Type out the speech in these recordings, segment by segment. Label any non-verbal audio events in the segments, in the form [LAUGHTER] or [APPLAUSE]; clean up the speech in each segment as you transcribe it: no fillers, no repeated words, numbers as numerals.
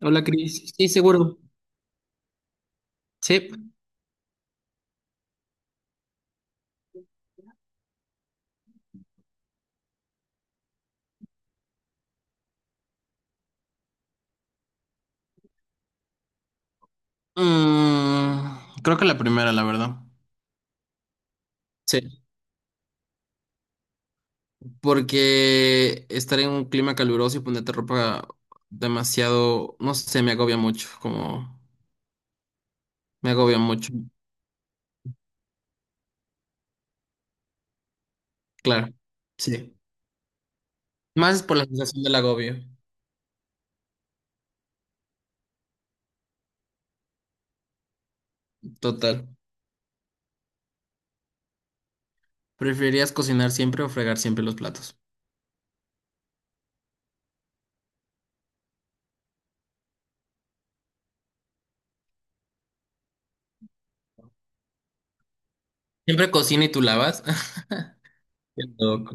Hola, Cris. Sí, seguro. Sí. Creo que la primera, la verdad. Sí. Porque estar en un clima caluroso y ponerte ropa demasiado, no sé, me agobia mucho, como me agobia mucho. Claro. Sí. Más por la sensación del agobio. Total. ¿Preferirías cocinar siempre o fregar siempre los platos? Siempre cocina y tú lavas. [LAUGHS] Qué loco.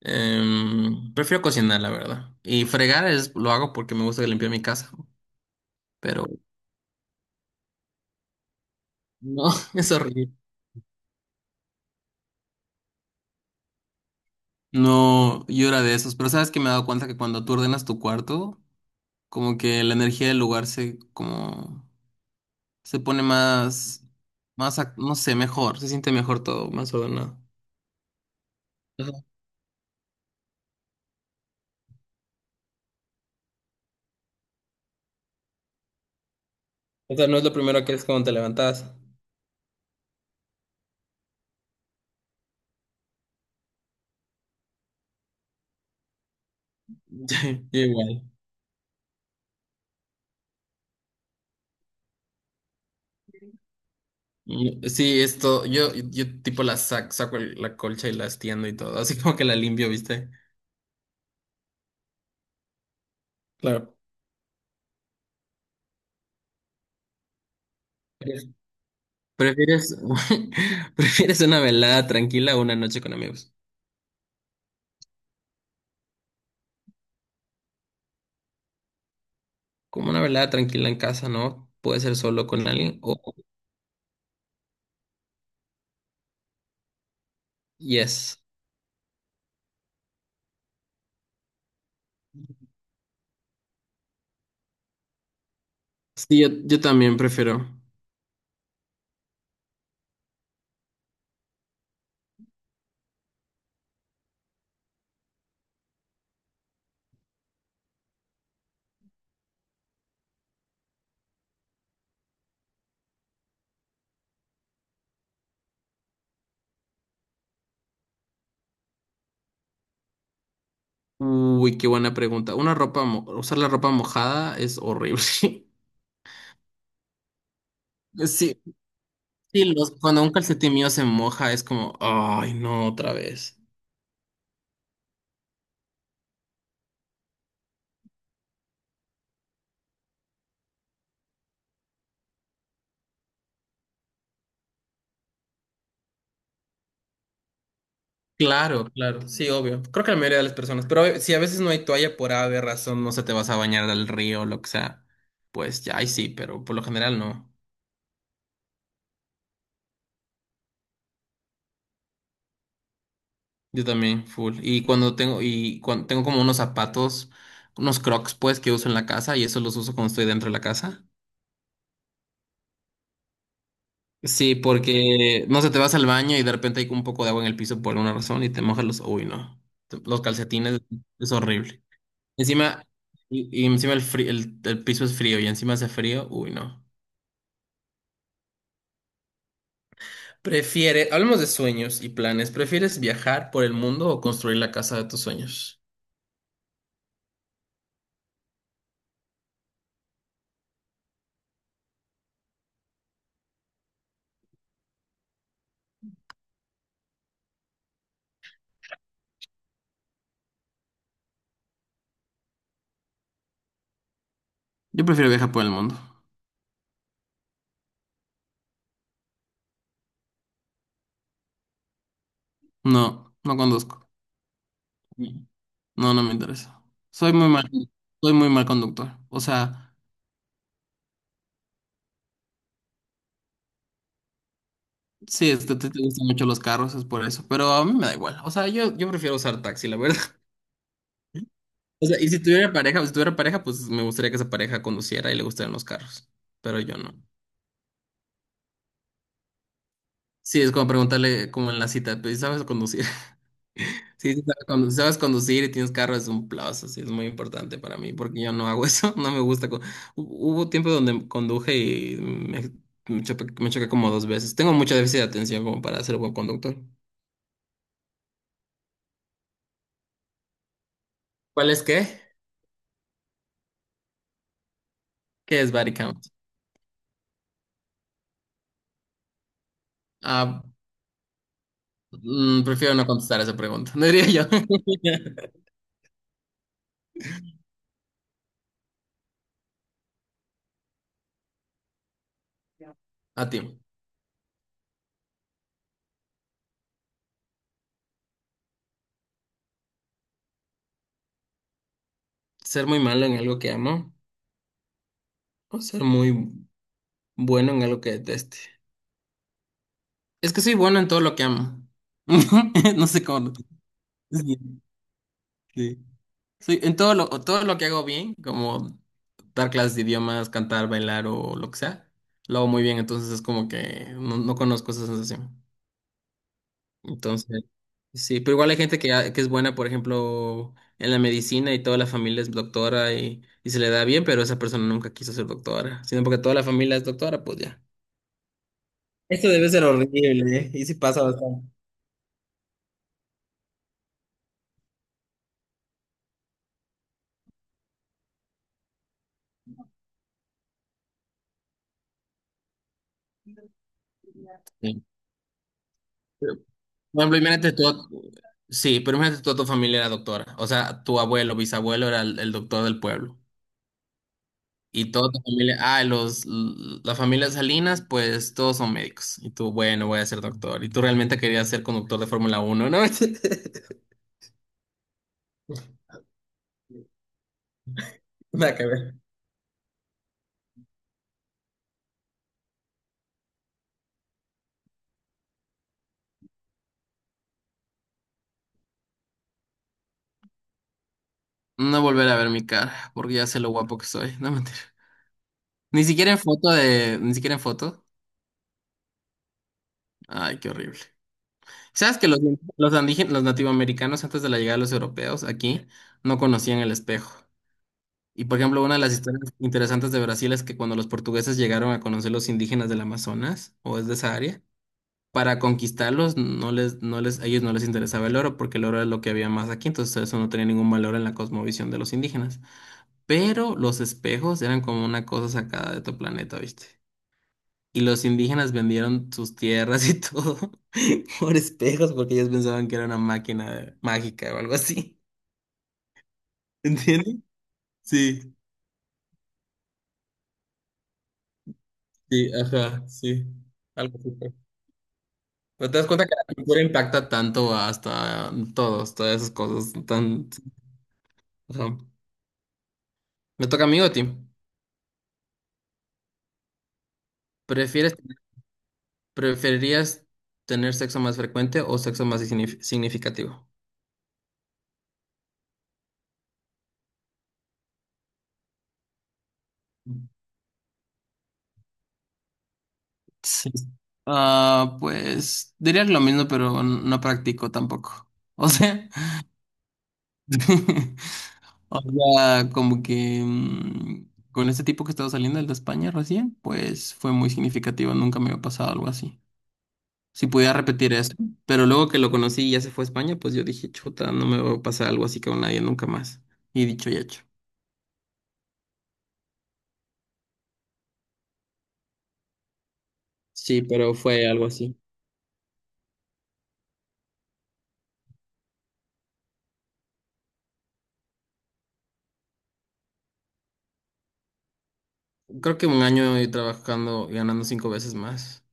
Prefiero cocinar, la verdad. Y fregar lo hago porque me gusta limpiar mi casa, pero no, [LAUGHS] es horrible. No, yo era de esos, pero sabes que me he dado cuenta que cuando tú ordenas tu cuarto, como que la energía del lugar se como se pone más no sé, mejor, se siente mejor todo, más ordenado. Ajá. O sea, no es lo primero que es cuando te levantas. [LAUGHS] Yo igual. Sí, esto, yo tipo saco la colcha y la extiendo y todo, así como que la limpio, ¿viste? Claro. ¿Prefieres, [LAUGHS] Prefieres una velada tranquila o una noche con amigos? Como una velada tranquila en casa, ¿no? Puede ser solo con alguien o yes. Sí, yo también prefiero. Uy, qué buena pregunta. Una ropa, usar la ropa mojada es horrible. [LAUGHS] Sí, sí, cuando un calcetín mío se moja es como, ay, no, otra vez. Claro, claro, sí, obvio. Creo que la mayoría de las personas, pero si a veces no hay toalla por ave razón, no se te vas a bañar al río o lo que sea, pues ya ahí sí, pero por lo general no. Yo también, full. Y cuando tengo como unos zapatos, unos crocs, pues, que uso en la casa, y eso los uso cuando estoy dentro de la casa. Sí, porque no sé, te vas al baño y de repente hay un poco de agua en el piso por alguna razón y te mojas los. Uy, no. Los calcetines es horrible. Encima, y encima el piso es frío y encima hace frío. Uy, no. Hablemos de sueños y planes. ¿Prefieres viajar por el mundo o construir la casa de tus sueños? Yo prefiero viajar por el mundo. No, no conduzco. No, no me interesa. Soy muy mal, soy muy mal conductor. O sea, sí, es que te gustan mucho los carros, es por eso. Pero a mí me da igual. O sea, yo prefiero usar taxi, la verdad. [LAUGHS] O sea, y si tuviera pareja, pues me gustaría que esa pareja conduciera y le gustaran los carros. Pero yo no. Sí, es como preguntarle como en la cita, pues, ¿sabes conducir? Sí, sí, sabes conducir y tienes carro es un plus, así es muy importante para mí, porque yo no hago [LAUGHS] eso, no me gusta. Hubo tiempo donde conduje y me choqué como 2 veces. Tengo mucho déficit de atención como para ser buen conductor. ¿Cuál es qué? ¿Qué es body count? Ah, Prefiero no contestar esa pregunta, [LAUGHS] diría yo. [LAUGHS] A ti, ser muy malo en algo que amo o ser muy bueno en algo que deteste. Es que soy bueno en todo lo que amo. [LAUGHS] No sé cómo. Sí, sí. Sí, en todo lo que hago bien, como dar clases de idiomas, cantar, bailar o lo que sea, lo hago muy bien, entonces es como que no, no conozco esa sensación. Entonces, sí, pero igual hay gente que es buena, por ejemplo, en la medicina y toda la familia es doctora y se le da bien, pero esa persona nunca quiso ser doctora, sino porque toda la familia es doctora, pues ya. Eso debe ser horrible, ¿eh? Y sí pasa bastante. Pero, Por ejemplo, imagínate tú, sí, pero imagínate toda tu familia era doctora. O sea, tu abuelo, bisabuelo era el doctor del pueblo. Y toda tu familia, la familia Salinas, pues todos son médicos. Y tú, bueno, voy a ser doctor. Y tú realmente querías ser conductor de Fórmula 1, ¿no? [LAUGHS] Nada que ver. No volver a ver mi cara, porque ya sé lo guapo que soy. No, mentira. Ni siquiera en foto de, ni siquiera en foto. Ay, qué horrible. ¿Sabes que los nativoamericanos antes de la llegada de los europeos aquí no conocían el espejo? Y por ejemplo, una de las historias interesantes de Brasil es que cuando los portugueses llegaron a conocer los indígenas del Amazonas, o es de esa área, para conquistarlos a ellos no les interesaba el oro porque el oro es lo que había más aquí, entonces eso no tenía ningún valor en la cosmovisión de los indígenas. Pero los espejos eran como una cosa sacada de otro planeta, ¿viste? Y los indígenas vendieron sus tierras y [LAUGHS] todo por espejos porque ellos pensaban que era una máquina mágica o algo así. ¿Entiendes? Sí, sí, ajá, sí. Algo así. Pero te das cuenta que la cultura impacta tanto hasta todos, todas esas cosas tan... Ajá. Me toca a mí o a ti. ¿Prefieres, ¿Preferirías tener sexo más frecuente o sexo más significativo? Sí. Ah, pues diría lo mismo, pero no practico tampoco. O sea, [LAUGHS] o sea, como que con este tipo que estaba saliendo, el de España recién, pues fue muy significativo. Nunca me había pasado algo así. Si pudiera repetir eso. Pero luego que lo conocí y ya se fue a España, pues yo dije, chuta, no me va a pasar algo así con nadie nunca más. Y dicho y hecho. Sí, pero fue algo así. Creo que un año y trabajando y ganando 5 veces más.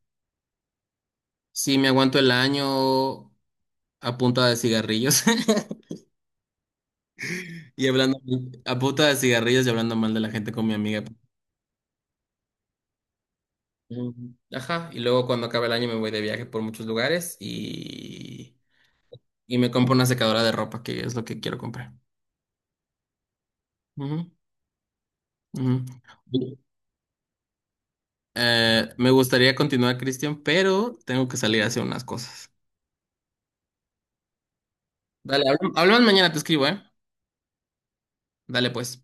Sí, me aguanto el año a punta de cigarrillos [LAUGHS] y hablando a punta de cigarrillos y hablando mal de la gente con mi amiga. Mm, ajá, y luego cuando acabe el año me voy de viaje por muchos lugares y me compro una secadora de ropa, que es lo que quiero comprar. Ujú, ujú. Me gustaría continuar, Cristian, pero tengo que salir a hacer unas cosas. Dale, hablamos mañana, te escribo, ¿eh? Dale, pues.